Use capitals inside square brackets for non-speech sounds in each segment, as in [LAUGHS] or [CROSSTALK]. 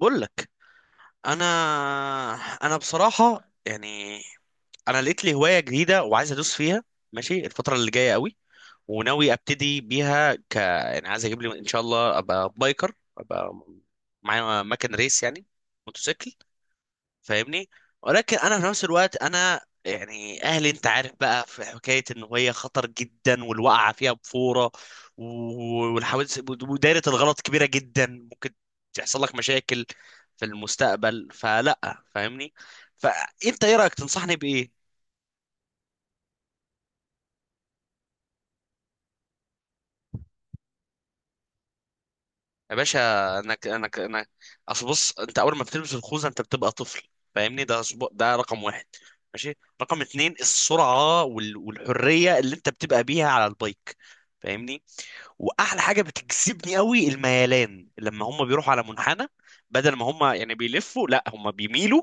بقول لك. انا انا بصراحه يعني انا لقيت لي هوايه جديده وعايز ادوس فيها. ماشي، الفتره اللي جايه قوي وناوي ابتدي بيها يعني عايز اجيب لي ان شاء الله، ابقى بايكر، ابقى معايا مكن ريس يعني موتوسيكل. فاهمني؟ ولكن انا في نفس الوقت انا يعني اهلي، انت عارف بقى، في حكايه ان هي خطر جدا والوقعه فيها بفوره والحوادث ودايره الغلط كبيره جدا، ممكن تحصل لك مشاكل في المستقبل، فلا فاهمني. فانت ايه رايك؟ تنصحني بايه؟ يا باشا، انك اصل بص، انت اول ما بتلبس الخوذه انت بتبقى طفل، فاهمني؟ ده ده رقم واحد، ماشي. رقم اتنين، السرعه والحريه اللي انت بتبقى بيها على البايك، فاهمني؟ واحلى حاجه بتجذبني قوي الميلان، لما هم بيروحوا على منحنى بدل ما هم يعني بيلفوا، لا هم بيميلوا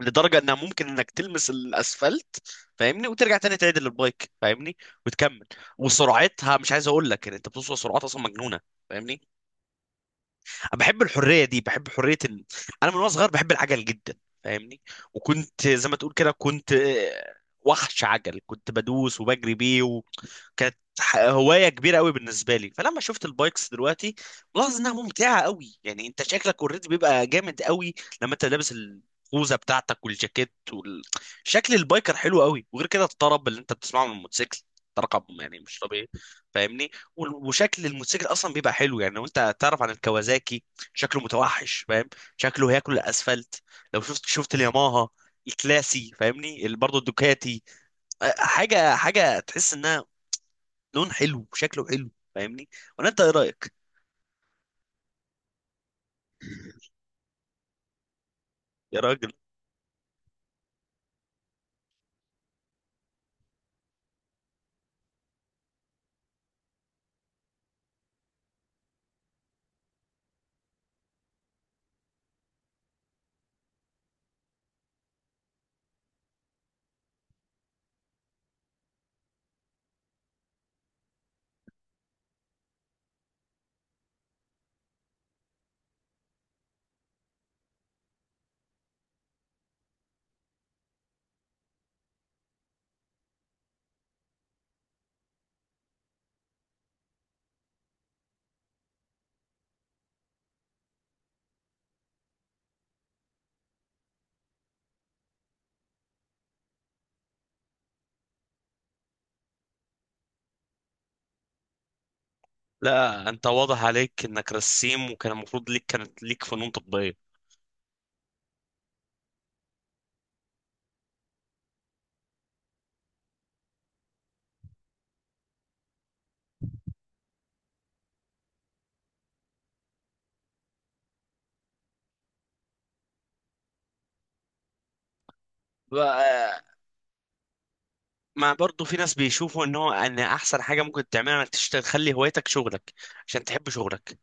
لدرجه انها ممكن انك تلمس الاسفلت، فاهمني؟ وترجع تاني تعدل البايك، فاهمني، وتكمل. وسرعتها مش عايز اقول لك، يعني انت بتوصل سرعات اصلا مجنونه، فاهمني؟ أنا بحب الحريه دي، بحب حريه ال... انا من وانا صغير بحب العجل جدا، فاهمني؟ وكنت زي ما تقول كده، كنت آه، وحش عجل، كنت بدوس وبجري بيه، كانت هوايه كبيره قوي بالنسبه لي. فلما شفت البايكس دلوقتي ملاحظ انها ممتعه قوي، يعني انت شكلك اوريدي بيبقى جامد قوي لما انت لابس الخوذه بتاعتك والجاكيت وال... شكل البايكر حلو قوي، وغير كده الطرب اللي انت بتسمعه من الموتوسيكل ده رقم، يعني مش طبيعي، فاهمني؟ وشكل الموتوسيكل اصلا بيبقى حلو، يعني لو انت تعرف عن الكوازاكي، شكله متوحش، فاهم؟ شكله هياكل الاسفلت. لو شفت شفت الياماها الكلاسي، فاهمني؟ برضه الدوكاتي، حاجه حاجه تحس انها لون حلو، شكله حلو، فاهمني. ولا انت ايه رايك؟ يا راجل، لا انت واضح عليك انك رسيم، وكان المفروض ليك كانت ليك فنون تطبيقيه. بقى- ما برضه في ناس بيشوفوا ان هو ان احسن حاجه ممكن تعملها انك تشتغل تخلي هوايتك شغلك، عشان تحب شغلك.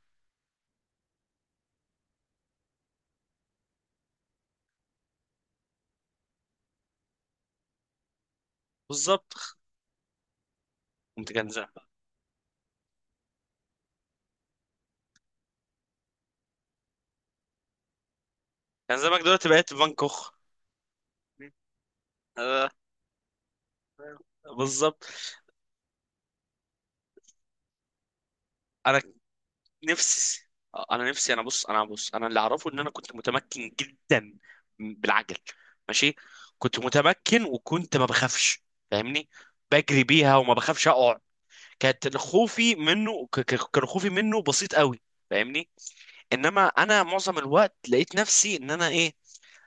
بالظبط. قمت كان زمان. كان زمانك دلوقتي بقيت في بانكوك. آه، بالظبط. انا نفسي، آه، انا نفسي، انا بص، انا بص، انا اللي اعرفه ان انا كنت متمكن جدا بالعجل، ماشي. كنت متمكن وكنت ما بخافش، فاهمني؟ بجري بيها وما بخافش اقع. كانت خوفي منه كان خوفي منه بسيط قوي، فاهمني؟ انما انا معظم الوقت لقيت نفسي ان انا ايه،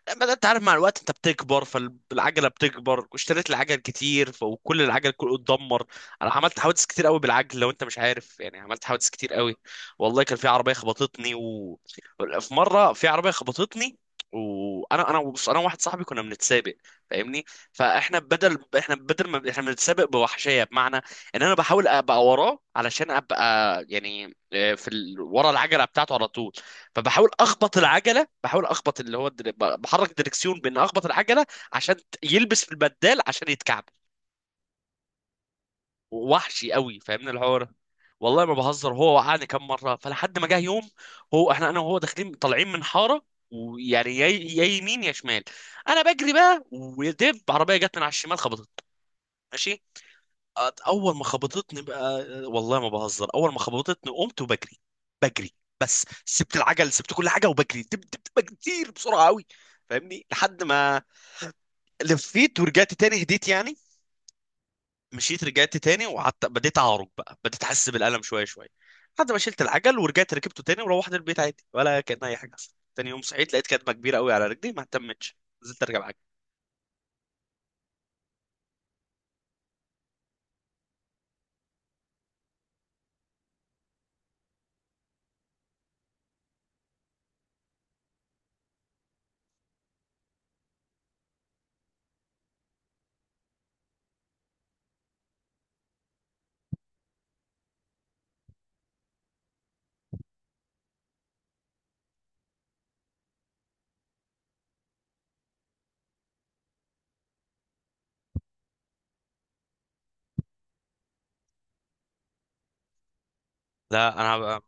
بدأت، انت عارف، مع الوقت انت بتكبر، فالعجله بتكبر، واشتريت العجل كتير وكل العجل كله اتدمر. انا عملت حوادث كتير قوي بالعجل، لو انت مش عارف، يعني عملت حوادث كتير قوي. والله كان في عربيه خبطتني و... في مره في عربيه خبطتني، وانا بص، انا واحد صاحبي كنا بنتسابق، فاهمني؟ فاحنا بدل احنا بدل ما احنا بنتسابق بوحشيه، بمعنى ان انا بحاول ابقى وراه علشان ابقى يعني آه، في ال... ورا العجله بتاعته على طول، فبحاول اخبط العجله، بحاول اخبط اللي هو الدر... بحرك الدركسيون بان اخبط العجله عشان يلبس في البدال عشان يتكعب. وحشي قوي، فاهمني الحوار؟ والله ما بهزر، هو وقعني كام مره، فلحد ما جه يوم هو احنا انا وهو داخلين طالعين من حاره، ويعني يا يمين يا شمال، انا بجري بقى ودب عربيه جت من على الشمال خبطت، ماشي. اول ما خبطتني بقى، والله ما بهزر، اول ما خبطتني قمت وبجري، بجري، بس سبت العجل، سبت كل حاجه، وبجري دب دب دب كتير بسرعه قوي، فاهمني؟ لحد ما لفيت ورجعت تاني، هديت يعني، مشيت رجعت تاني وقعدت بديت اعرج بقى، بديت احس بالالم شويه شويه، لحد ما شلت العجل ورجعت ركبته تاني وروحت البيت عادي ولا كان اي حاجه حصلت. تاني يوم صحيت لقيت كدمه كبيره قوي على رجلي، ما اهتمتش، نزلت اركب عجل. لا انا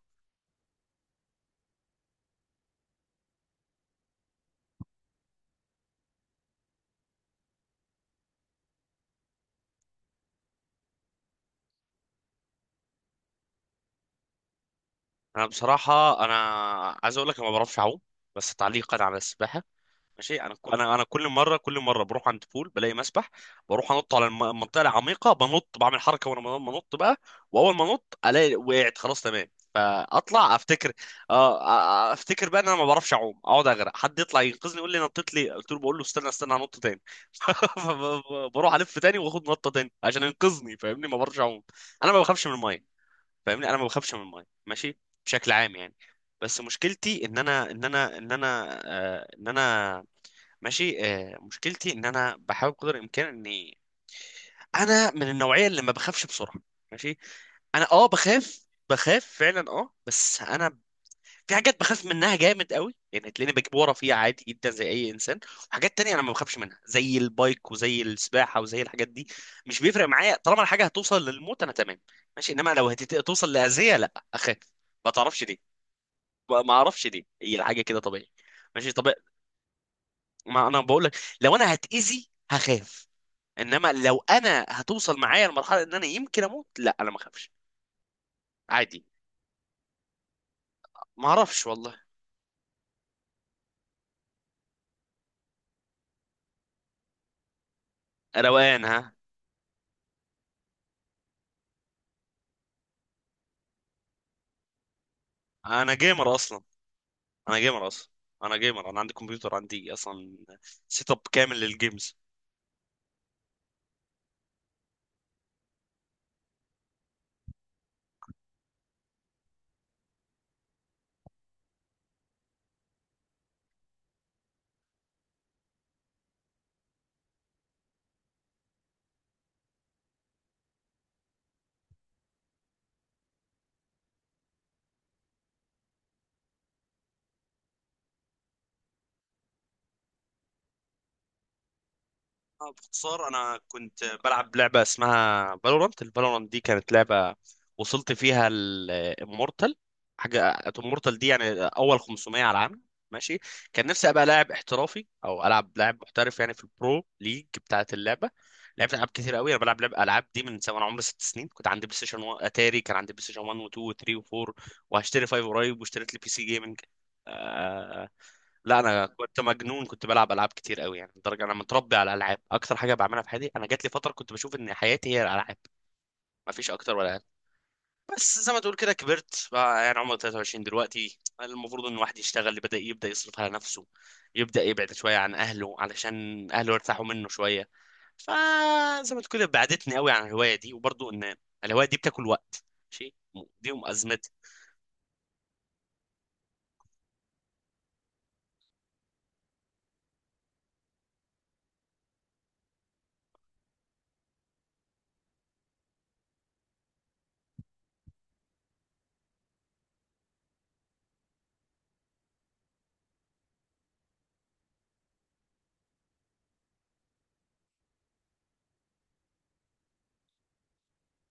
بصراحه انا عايز اقول لك انا ما بعرفش اعوم، بس تعليقا على السباحه، ماشي. انا كل مره كل مره بروح عند بول بلاقي مسبح، بروح انط على المنطقه العميقه، بنط بعمل حركه وانا بنط بقى، واول ما انط الاقي وقعت خلاص تمام، فاطلع افتكر، اه، آه، افتكر بقى ان انا ما بعرفش اعوم، اقعد اغرق، حد يطلع ينقذني، يقول لي نطيت، لي قلت له بقول له استنى، استنى هنط تاني. [LAUGHS] بروح الف تاني واخد نطه تاني عشان ينقذني، فاهمني؟ ما بعرفش اعوم. انا ما بخافش من الميه، فاهمني؟ انا ما بخافش من الميه، ماشي، بشكل عام يعني. بس مشكلتي ان انا آه، ان انا، ماشي، آه مشكلتي ان انا بحاول قدر الامكان اني، انا من النوعيه اللي ما بخافش بسرعه، ماشي. انا اه بخاف، بخاف فعلا اه، بس انا في حاجات بخاف منها جامد قوي، يعني تلاقيني بجيب ورا فيها عادي جدا زي اي انسان. وحاجات تانية انا ما بخافش منها زي البايك وزي السباحه وزي الحاجات دي، مش بيفرق معايا طالما الحاجه هتوصل للموت انا تمام، ماشي. انما لو هتوصل لاذيه لا اخاف، ما تعرفش ليه. ما اعرفش ليه، هي الحاجه كده طبيعي، ماشي طبيعي. ما انا بقول لك، لو انا هتاذي هخاف، انما لو انا هتوصل معايا لمرحله ان انا يمكن اموت لا انا ما اخافش، عادي. ما اعرفش والله. روقان، ها؟ انا جيمر اصلا، انا جيمر اصلا، انا جيمر، انا عندي كمبيوتر، عندي اصلا سيت اب كامل للجيمز. آه، باختصار انا كنت بلعب لعبه اسمها فالورانت، الفالورانت دي كانت لعبه وصلت فيها الامورتال، حاجه امورتال دي يعني اول 500 على العالم، ماشي. كان نفسي ابقى لاعب احترافي او العب لاعب محترف يعني في البرو ليج بتاعه اللعبه. لعبت العاب كتير قوي، انا بلعب العاب دي من سواء انا عمري 6 سنين، كنت عندي بلاي ستيشن و... اتاري، كان عندي بلاي ستيشن 1 و2 و3 و4، وهشتري 5 قريب، واشتريت لي بي سي جيمنج. لا انا كنت مجنون، كنت بلعب العاب كتير قوي، يعني لدرجه انا متربي على الالعاب، اكتر حاجه بعملها في حياتي، انا جات لي فتره كنت بشوف ان حياتي هي الالعاب، ما فيش اكتر ولا اقل. بس زي ما تقول كده كبرت بقى، يعني عمري 23 دلوقتي، المفروض ان الواحد يشتغل، يبدا يصرف على نفسه، يبدا يبعد شويه عن اهله علشان اهله يرتاحوا منه شويه. فزي ما تقول كده بعدتني قوي عن الهوايه دي، وبرضه ان الهوايه دي بتاكل وقت، ماشي، دي ازمتي.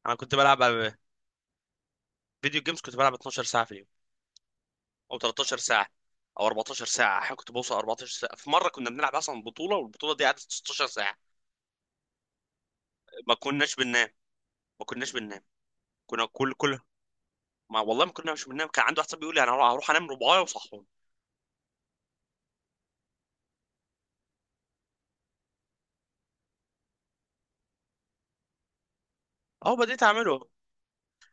انا كنت بلعب على فيديو جيمز، كنت بلعب 12 ساعه في اليوم او 13 ساعه او 14 ساعه، احيانا كنت بوصل 14 ساعه، في مره كنا بنلعب اصلا بطوله والبطوله دي قعدت 16 ساعه، ما كناش بننام، ما كناش بننام، كنا كل ما، والله ما كناش بننام، كان عنده واحد صاحبي بيقول لي انا هروح انام ربعايه وصحوني. اهو بديت اعمله،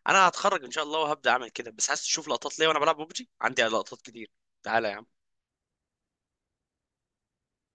انا هتخرج ان شاء الله وهبدا اعمل كده، بس عايز تشوف لقطات ليا وانا بلعب ببجي؟ عندي لقطات كتير، تعالى يا عم.